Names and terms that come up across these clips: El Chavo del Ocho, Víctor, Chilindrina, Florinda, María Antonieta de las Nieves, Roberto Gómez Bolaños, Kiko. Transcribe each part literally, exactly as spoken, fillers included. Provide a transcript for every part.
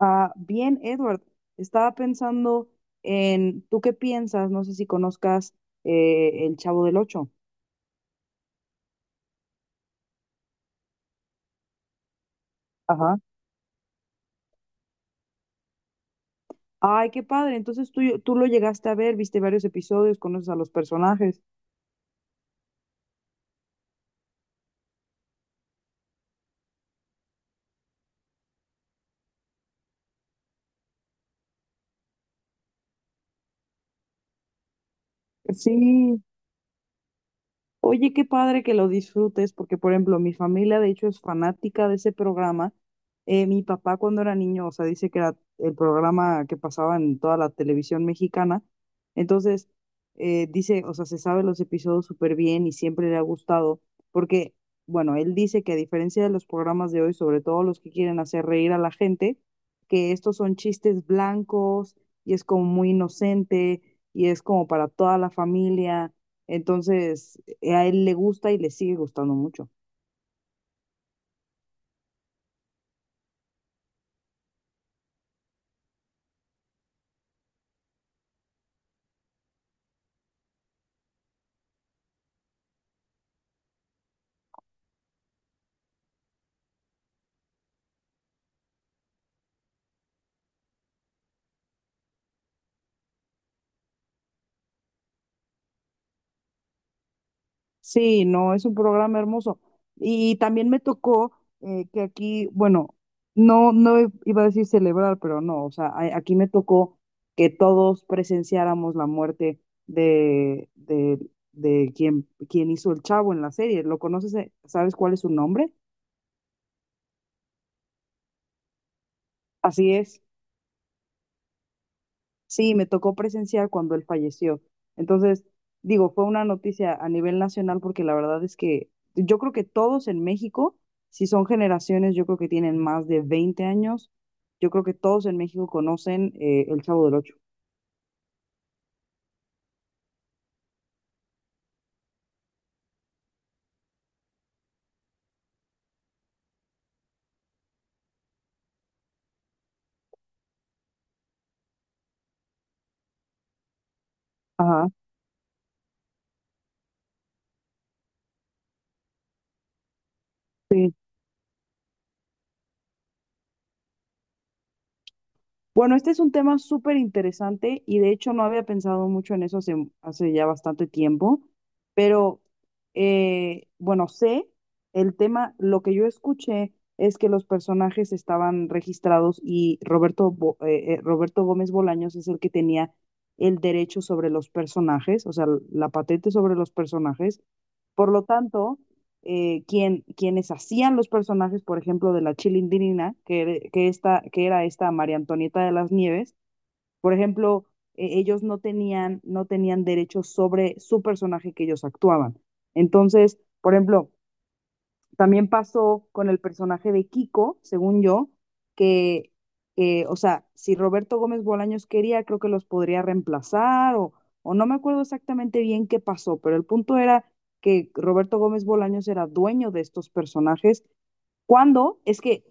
Ah, bien, Edward, estaba pensando en, ¿tú qué piensas? No sé si conozcas eh, El Chavo del Ocho. Ajá. Ay, qué padre. Entonces tú, tú lo llegaste a ver, viste varios episodios, conoces a los personajes. Sí. Oye, qué padre que lo disfrutes, porque por ejemplo, mi familia de hecho es fanática de ese programa. Eh, mi papá cuando era niño, o sea, dice que era el programa que pasaba en toda la televisión mexicana. Entonces, eh, dice, o sea, se sabe los episodios súper bien y siempre le ha gustado, porque, bueno, él dice que a diferencia de los programas de hoy, sobre todo los que quieren hacer reír a la gente, que estos son chistes blancos y es como muy inocente y es como para toda la familia entonces, eh, a él le gusta y le sigue gustando mucho. Sí, no, es un programa hermoso. Y también me tocó eh, que aquí, bueno, no, no iba a decir celebrar, pero no, o sea, a- aquí me tocó que todos presenciáramos la muerte de, de, de quien, quien hizo el chavo en la serie. ¿Lo conoces? eh? Sabes cuál es su nombre? Así es. Sí, me tocó presenciar cuando él falleció. Entonces, digo, fue una noticia a nivel nacional porque la verdad es que yo creo que todos en México, si son generaciones, yo creo que tienen más de veinte años, yo creo que todos en México conocen eh, El Chavo del Ocho. Ajá. Bueno, este es un tema súper interesante y de hecho no había pensado mucho en eso hace, hace ya bastante tiempo, pero eh, bueno, sé el tema, lo que yo escuché es que los personajes estaban registrados y Roberto, Bo- eh, eh, Roberto Gómez Bolaños es el que tenía el derecho sobre los personajes, o sea, la patente sobre los personajes. Por lo tanto, eh, quien, quienes hacían los personajes, por ejemplo, de la Chilindrina, que, que, esta, que era esta María Antonieta de las Nieves, por ejemplo, eh, ellos no tenían, no tenían derechos sobre su personaje que ellos actuaban. Entonces, por ejemplo, también pasó con el personaje de Kiko, según yo, que, eh, o sea, si Roberto Gómez Bolaños quería, creo que los podría reemplazar o, o no me acuerdo exactamente bien qué pasó, pero el punto era que Roberto Gómez Bolaños era dueño de estos personajes cuando es que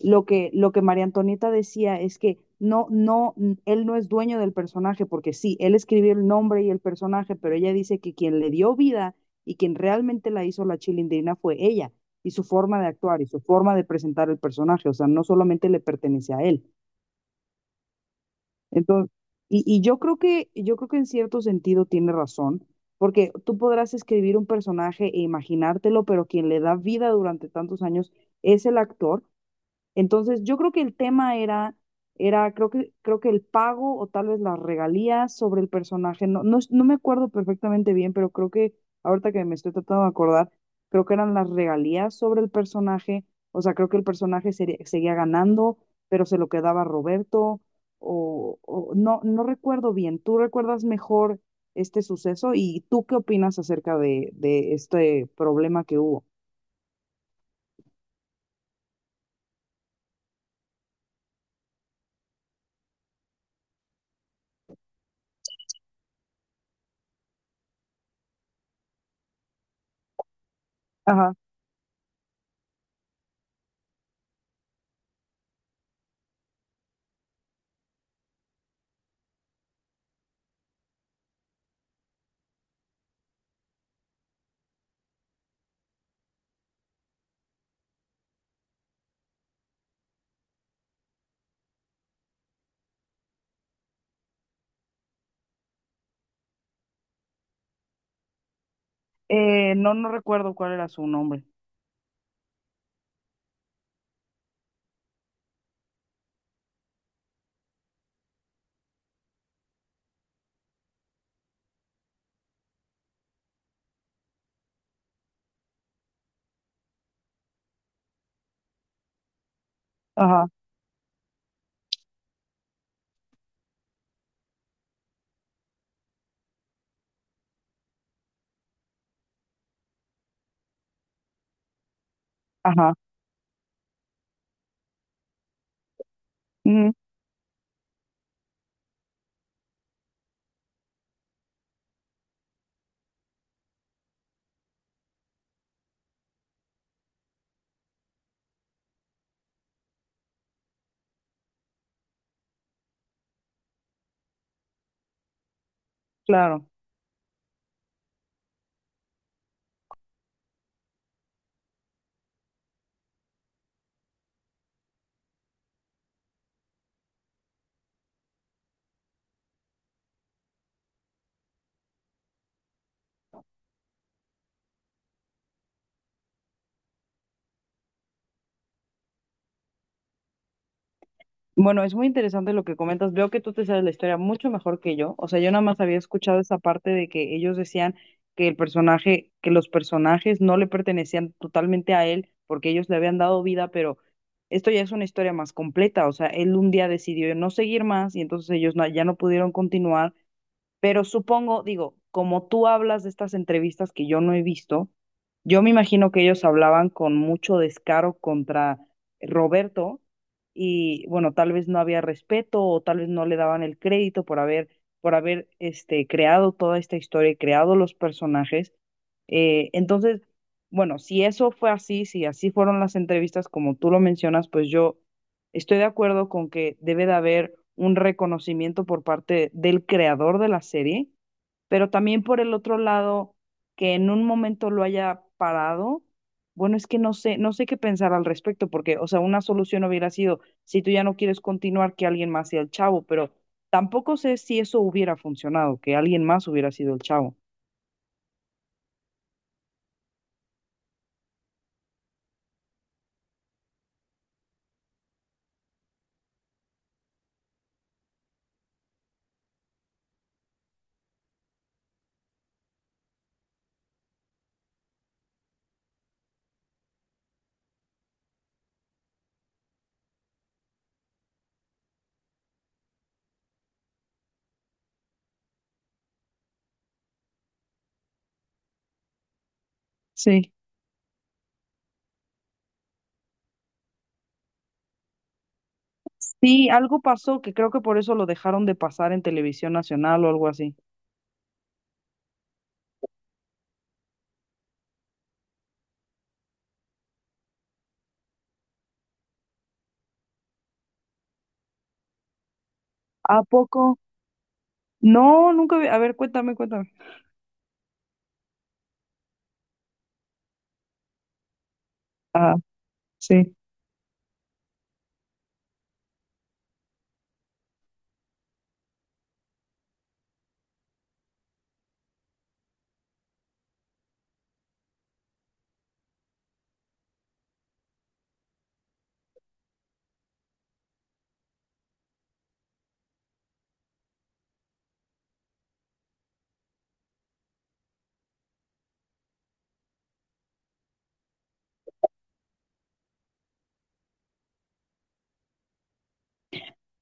lo que, lo que María Antonieta decía es que no, no, n- él no es dueño del personaje, porque sí, él escribió el nombre y el personaje, pero ella dice que quien le dio vida y quien realmente la hizo la chilindrina fue ella, y su forma de actuar y su forma de presentar el personaje, o sea, no solamente le pertenece a él. Entonces, y, y yo creo que, yo creo que en cierto sentido tiene razón, porque tú podrás escribir un personaje e imaginártelo, pero quien le da vida durante tantos años es el actor entonces, yo creo que el tema era, era, creo que, creo que el pago o tal vez las regalías sobre el personaje. No, no, es- no me acuerdo perfectamente bien, pero creo que ahorita que me estoy tratando de acordar, creo que eran las regalías sobre el personaje. O sea, creo que el personaje sería- seguía ganando, pero se lo quedaba Roberto. O, o no, no recuerdo bien. ¿Tú recuerdas mejor este suceso? ¿Y tú qué opinas acerca de, de este problema que hubo? Ajá. Eh, no, no recuerdo cuál era su nombre. Ajá. Ajá, ujú, claro. Bueno, es muy interesante lo que comentas. Veo que tú te sabes la historia mucho mejor que yo. O sea, yo nada más había escuchado esa parte de que ellos decían que el personaje, que los personajes no le pertenecían totalmente a él porque ellos le habían dado vida, pero esto ya es una historia más completa. O sea, él un día decidió no seguir más y entonces ellos no- ya no pudieron continuar. Pero supongo, digo, como tú hablas de estas entrevistas que yo no he visto, yo me imagino que ellos hablaban con mucho descaro contra Roberto y bueno, tal vez no había respeto o tal vez no le daban el crédito por haber, por haber este, creado toda esta historia y creado los personajes. Eh, entonces, bueno, si eso fue así, si así fueron las entrevistas como tú lo mencionas, pues yo estoy de acuerdo con que debe de haber un reconocimiento por parte del creador de la serie, pero también por el otro lado, que en un momento lo haya parado, bueno, es que no sé, no sé qué pensar al respecto, porque, o sea, una solución hubiera sido, si tú ya no quieres continuar, que alguien más sea el chavo, pero tampoco sé si eso hubiera funcionado, que alguien más hubiera sido el chavo. Sí. Sí, algo pasó que creo que por eso lo dejaron de pasar en televisión nacional o algo así. ¿A poco? No, nunca vi. A ver, cuéntame, cuéntame. Ah, sí.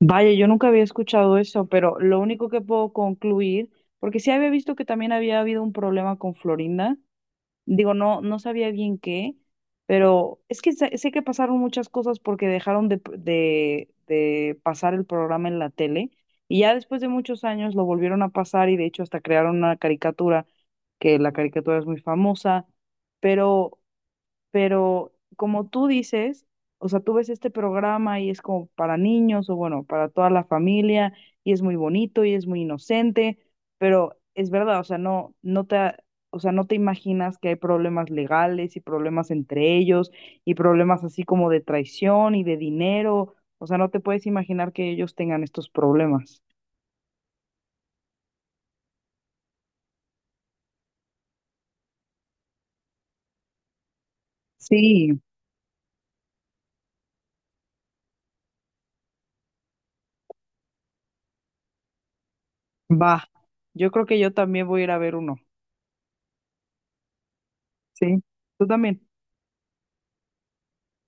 Vaya, yo nunca había escuchado eso, pero lo único que puedo concluir, porque sí había visto que también había habido un problema con Florinda, digo, no, no sabía bien qué, pero es que sé, sé que pasaron muchas cosas porque dejaron de, de, de pasar el programa en la tele y ya después de muchos años lo volvieron a pasar y de hecho hasta crearon una caricatura, que la caricatura es muy famosa, pero pero como tú dices, o sea, tú ves este programa y es como para niños o bueno, para toda la familia y es muy bonito y es muy inocente, pero es verdad, o sea, no, no te, o sea, no te imaginas que hay problemas legales y problemas entre ellos y problemas así como de traición y de dinero, o sea, no te puedes imaginar que ellos tengan estos problemas. Sí, va. Yo creo que yo también voy a ir a ver uno. Sí, tú también.